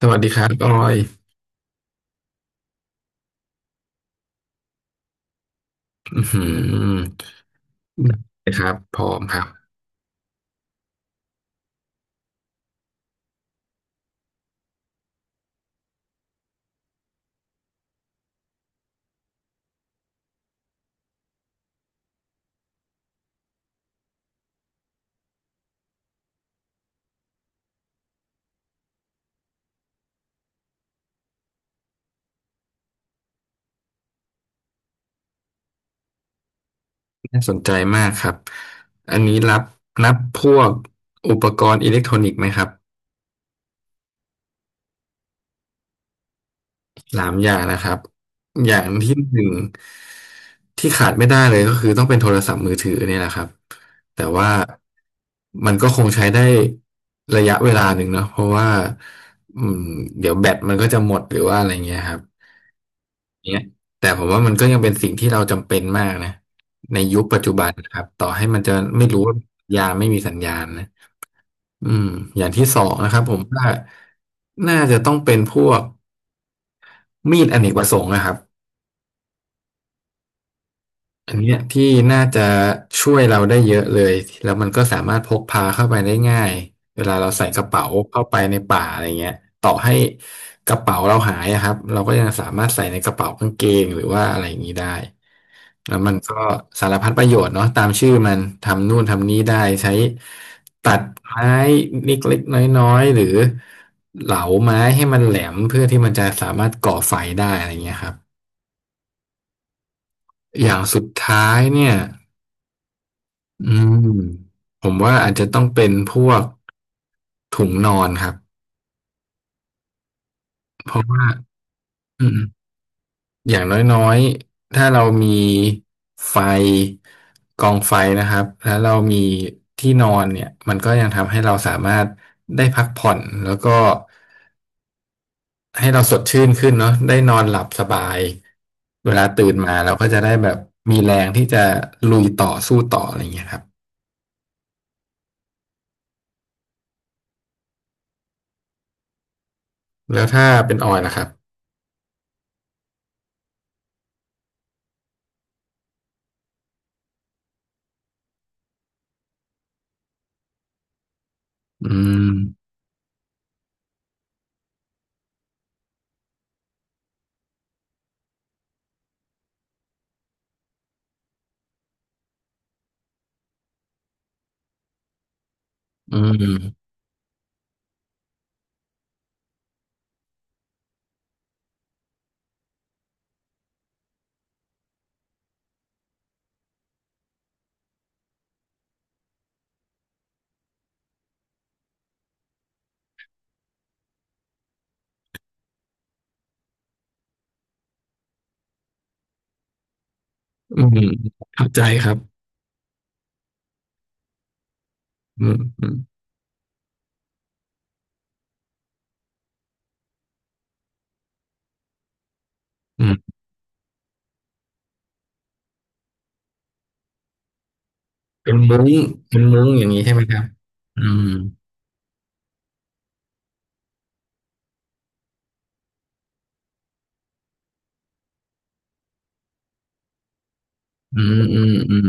สวัสดีครับออยอือหือครับพร้อมครับน่าสนใจมากครับอันนี้รับนับพวกอุปกรณ์อิเล็กทรอนิกส์ไหมครับสามอย่างนะครับอย่างที่หนึ่งที่ขาดไม่ได้เลยก็คือต้องเป็นโทรศัพท์มือถือเนี่ยแหละครับแต่ว่ามันก็คงใช้ได้ระยะเวลาหนึ่งเนาะเพราะว่าอืมเดี๋ยวแบตมันก็จะหมดหรือว่าอะไรเงี้ยครับ อย่างเงี้ยแต่ผมว่ามันก็ยังเป็นสิ่งที่เราจำเป็นมากนะในยุคปัจจุบันนะครับต่อให้มันจะไม่รู้ว่าสัญญาณไม่มีสัญญาณนะอืมอย่างที่สองนะครับผมว่าน่าจะต้องเป็นพวกมีดอเนกประสงค์นะครับ อันเนี้ยที่น่าจะช่วยเราได้เยอะเลยแล้วมันก็สามารถพกพาเข้าไปได้ง่ายเวลาเราใส่กระเป๋าเข้าไปในป่าอะไรเงี้ยต่อให้กระเป๋าเราหายอะครับเราก็ยังสามารถใส่ในกระเป๋ากางเกงหรือว่าอะไรอย่างนี้ได้แล้วมันก็สารพัดประโยชน์เนาะตามชื่อมันทำนู่นทำนี้ได้ใช้ตัดไม้เล็กๆน้อยๆหรือเหลาไม้ให้มันแหลมเพื่อที่มันจะสามารถก่อไฟได้อะไรเงี้ยครับอย่างสุดท้ายเนี่ย อืมผมว่าอาจจะต้องเป็นพวกถุงนอนครับเพราะว่าอืมอย่างน้อยๆถ้าเรามีไฟกองไฟนะครับแล้วเรามีที่นอนเนี่ยมันก็ยังทำให้เราสามารถได้พักผ่อนแล้วก็ให้เราสดชื่นขึ้นเนาะได้นอนหลับสบายเวลาตื่นมาเราก็จะได้แบบมีแรงที่จะลุยต่อสู้ต่ออะไรอย่างเงี้ยครับแล้วถ้าเป็นออยล่ะครับอืมอืม อืมเข้าใจครับอืมอืมอืมเป็นมุ้งเป็นมุ้งอย่างนี้ใช่ไหมครับอืมอืมอืมอืม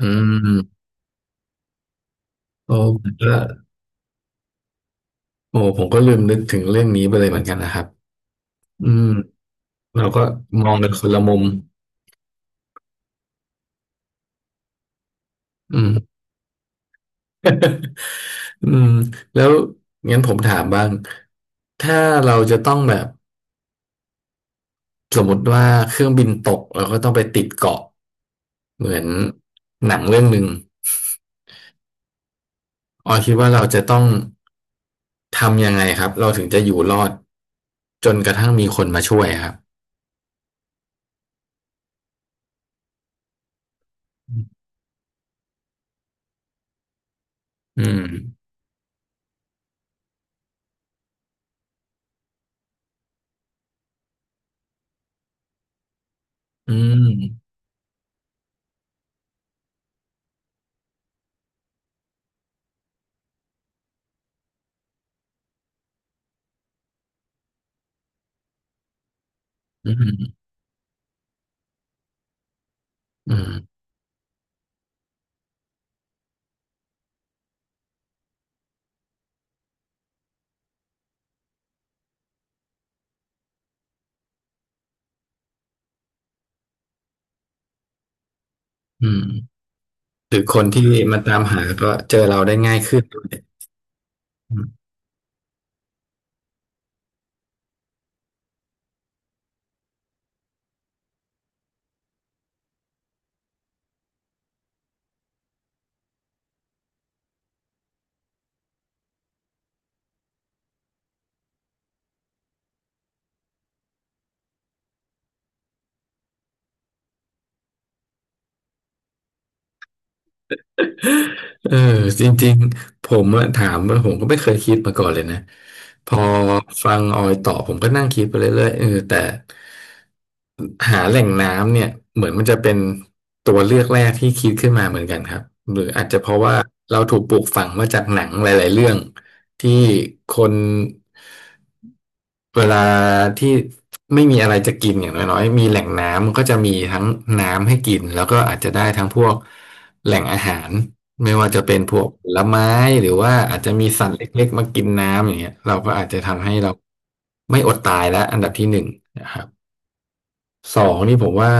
อืมโอ้ผมก็โอ้ผมก็ลืมนึกถึงเรื่องนี้ไปเลยเหมือนกันนะครับอืมเราก็มองกันคนละมุมอืม อืมแล้วงั้นผมถามบ้างถ้าเราจะต้องแบบสมมติว่าเครื่องบินตกเราก็ต้องไปติดเกาะเหมือนหนังเรื่องหนึ่ง ออยคิดว่าเราจะต้องทำยังไงครับเราถึงจะอยู่รอดจนกระทั่งมีคนมาช่วยครับอืมอืมอืมอืมอืมหรือคนที่มาตามหาก็เจอเราได้ง่ายขึ้นด้วย เออจริงๆผมอะถามว่าผมก็ไม่เคยคิดมาก่อนเลยนะพอฟังออยตอบผมก็นั่งคิดไปเรื่อยๆแต่หาแหล่งน้ำเนี่ยเหมือนมันจะเป็นตัวเลือกแรกที่คิดขึ้นมาเหมือนกันครับหรืออาจจะเพราะว่าเราถูกปลูกฝังมาจากหนังหลายๆเรื่องที่คนเวลาที่ไม่มีอะไรจะกินอย่างน้อยๆมีแหล่งน้ำมันก็จะมีทั้งน้ำให้กินแล้วก็อาจจะได้ทั้งพวก แหล่งอาหารไม่ว่าจะเป็นพวกผลไม้หรือว่าอาจจะมีสัตว์เล็กๆมากินน้ำอย่างเงี้ยเราก็อาจจะทำให้เราไม่อดตายแล้วอันดับที่หนึ่งนะครับสองนี่ผมว่า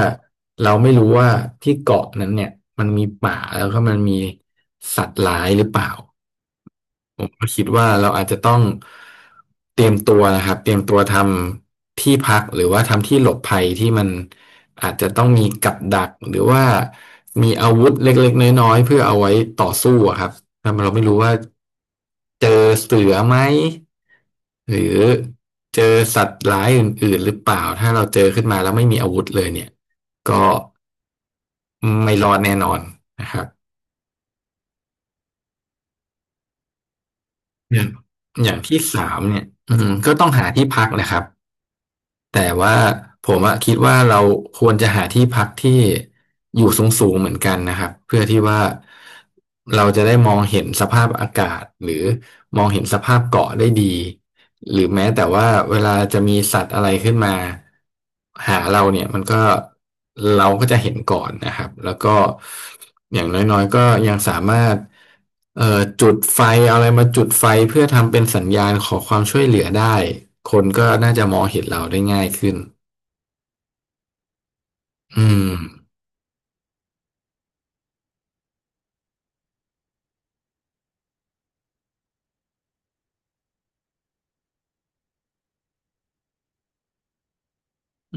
เราไม่รู้ว่าที่เกาะนั้นเนี่ยมันมีป่าแล้วก็มันมีสัตว์ร้ายหรือเปล่า ผมก็คิดว่าเราอาจจะต้องเตรียมตัวนะครับเตรียมตัวทำที่พักหรือว่าทำที่หลบภัยที่มันอาจจะต้องมีกับดักหรือว่ามีอาวุธเล็กๆน้อยๆเพื่อเอาไว้ต่อสู้อะครับถ้าเราไม่รู้ว่าเจอเสือไหมหรือเจอสัตว์ร้ายอื่นๆหรือเปล่าถ้าเราเจอขึ้นมาแล้วไม่มีอาวุธเลยเนี่ยก็ไม่รอดแน่นอนนะครับอย่างอย่างที่สามเนี่ยก็ต้องหาที่พักนะครับ แต่ว่าผมอะคิดว่าเราควรจะหาที่พักที่อยู่สูงๆเหมือนกันนะครับเพื่อที่ว่าเราจะได้มองเห็นสภาพอากาศหรือมองเห็นสภาพเกาะได้ดีหรือแม้แต่ว่าเวลาจะมีสัตว์อะไรขึ้นมา หาเราเนี่ยมันก็เราก็จะเห็นก่อนนะครับแล้วก็อย่างน้อยๆก็ยังสามารถจุดไฟเอาอะไรมาจุดไฟเพื่อทำเป็นสัญญาณขอความช่วยเหลือได้คนก็น่าจะมองเห็นเราได้ง่ายขึ้นอืม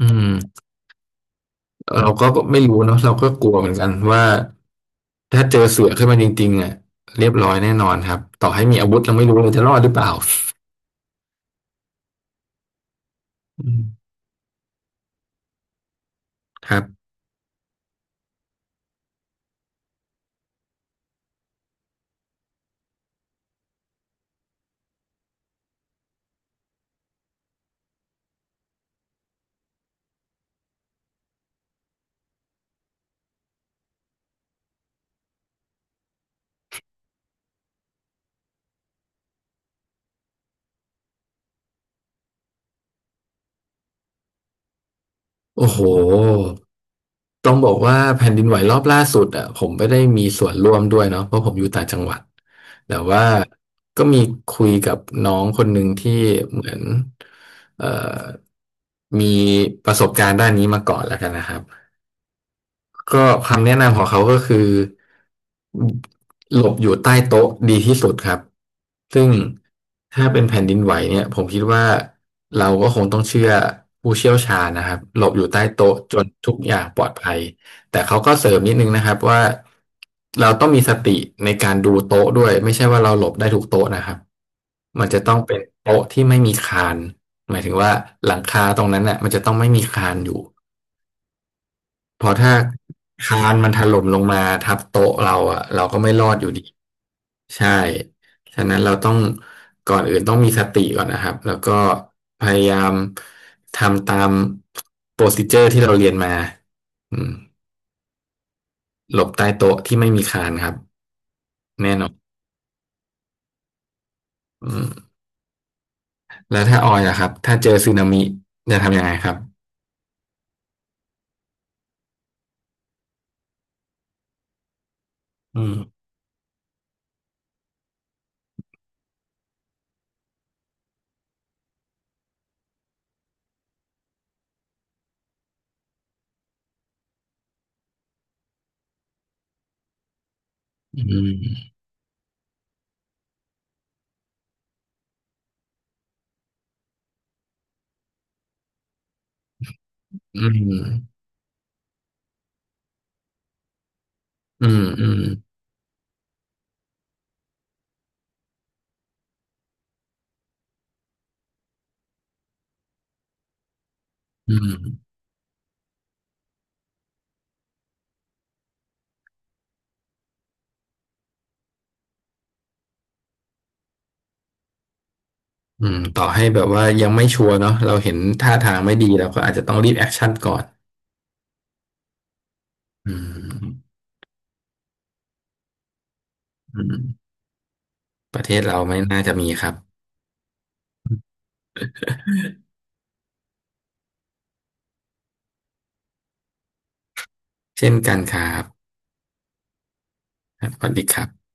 อืมเราก็ไม่รู้เนาะเราก็กลัวเหมือนกันว่าถ้าเจอเสือขึ้นมาจริงๆอ่ะเรียบร้อยแน่นอนครับต่อให้มีอาวุธเราไม่รู้เราจะรอดหรือเปล่าอืมครับโอ้โห ต้องบอกว่าแผ่นดินไหวรอบล่าสุดอ่ะผมไม่ได้มีส่วนร่วมด้วยเนาะเพราะผมอยู่ต่างจังหวัดแต่ว่าก็มีคุยกับน้องคนหนึ่งที่เหมือนเอ่อมีประสบการณ์ด้านนี้มาก่อนแล้วกันนะครับ ก็คำแนะนำของเขาก็คือหลบอยู่ใต้โต๊ะดีที่สุดครับซึ่งถ้าเป็นแผ่นดินไหวเนี่ยผมคิดว่าเราก็คงต้องเชื่อผู้เชี่ยวชาญนะครับหลบอยู่ใต้โต๊ะจนทุกอย่างปลอดภัยแต่เขาก็เสริมนิดนึงนะครับว่าเราต้องมีสติในการดูโต๊ะด้วยไม่ใช่ว่าเราหลบได้ทุกโต๊ะนะครับมันจะต้องเป็นโต๊ะที่ไม่มีคานหมายถึงว่าหลังคาตรงนั้นน่ะมันจะต้องไม่มีคานอยู่ เพราะถ้าคานมันถล่มลงมาทับโต๊ะเราอะเราก็ไม่รอดอยู่ดีใช่ฉะนั้นเราต้องก่อนอื่นต้องมีสติก่อนนะครับแล้วก็พยายามทำตามโปรซิเจอร์ที่เราเรียนมาอืมหลบใต้โต๊ะที่ไม่มีคานครับแน่นอนอืมแล้วถ้าออยอะครับถ้าเจอสึนามิจะทำยังไงครับอืมอืมอืมอืมอืมอืม ต่อให้แบบว่ายังไม่ชัวร์เนาะเราเห็นท่าทางไม่ดีเราก็อาจจะต้องรีบแอคชั่นก่อนอืมอืมประเทศเราไม่น่าจะมีครับเช่นกันครับครับสวัสดีครับ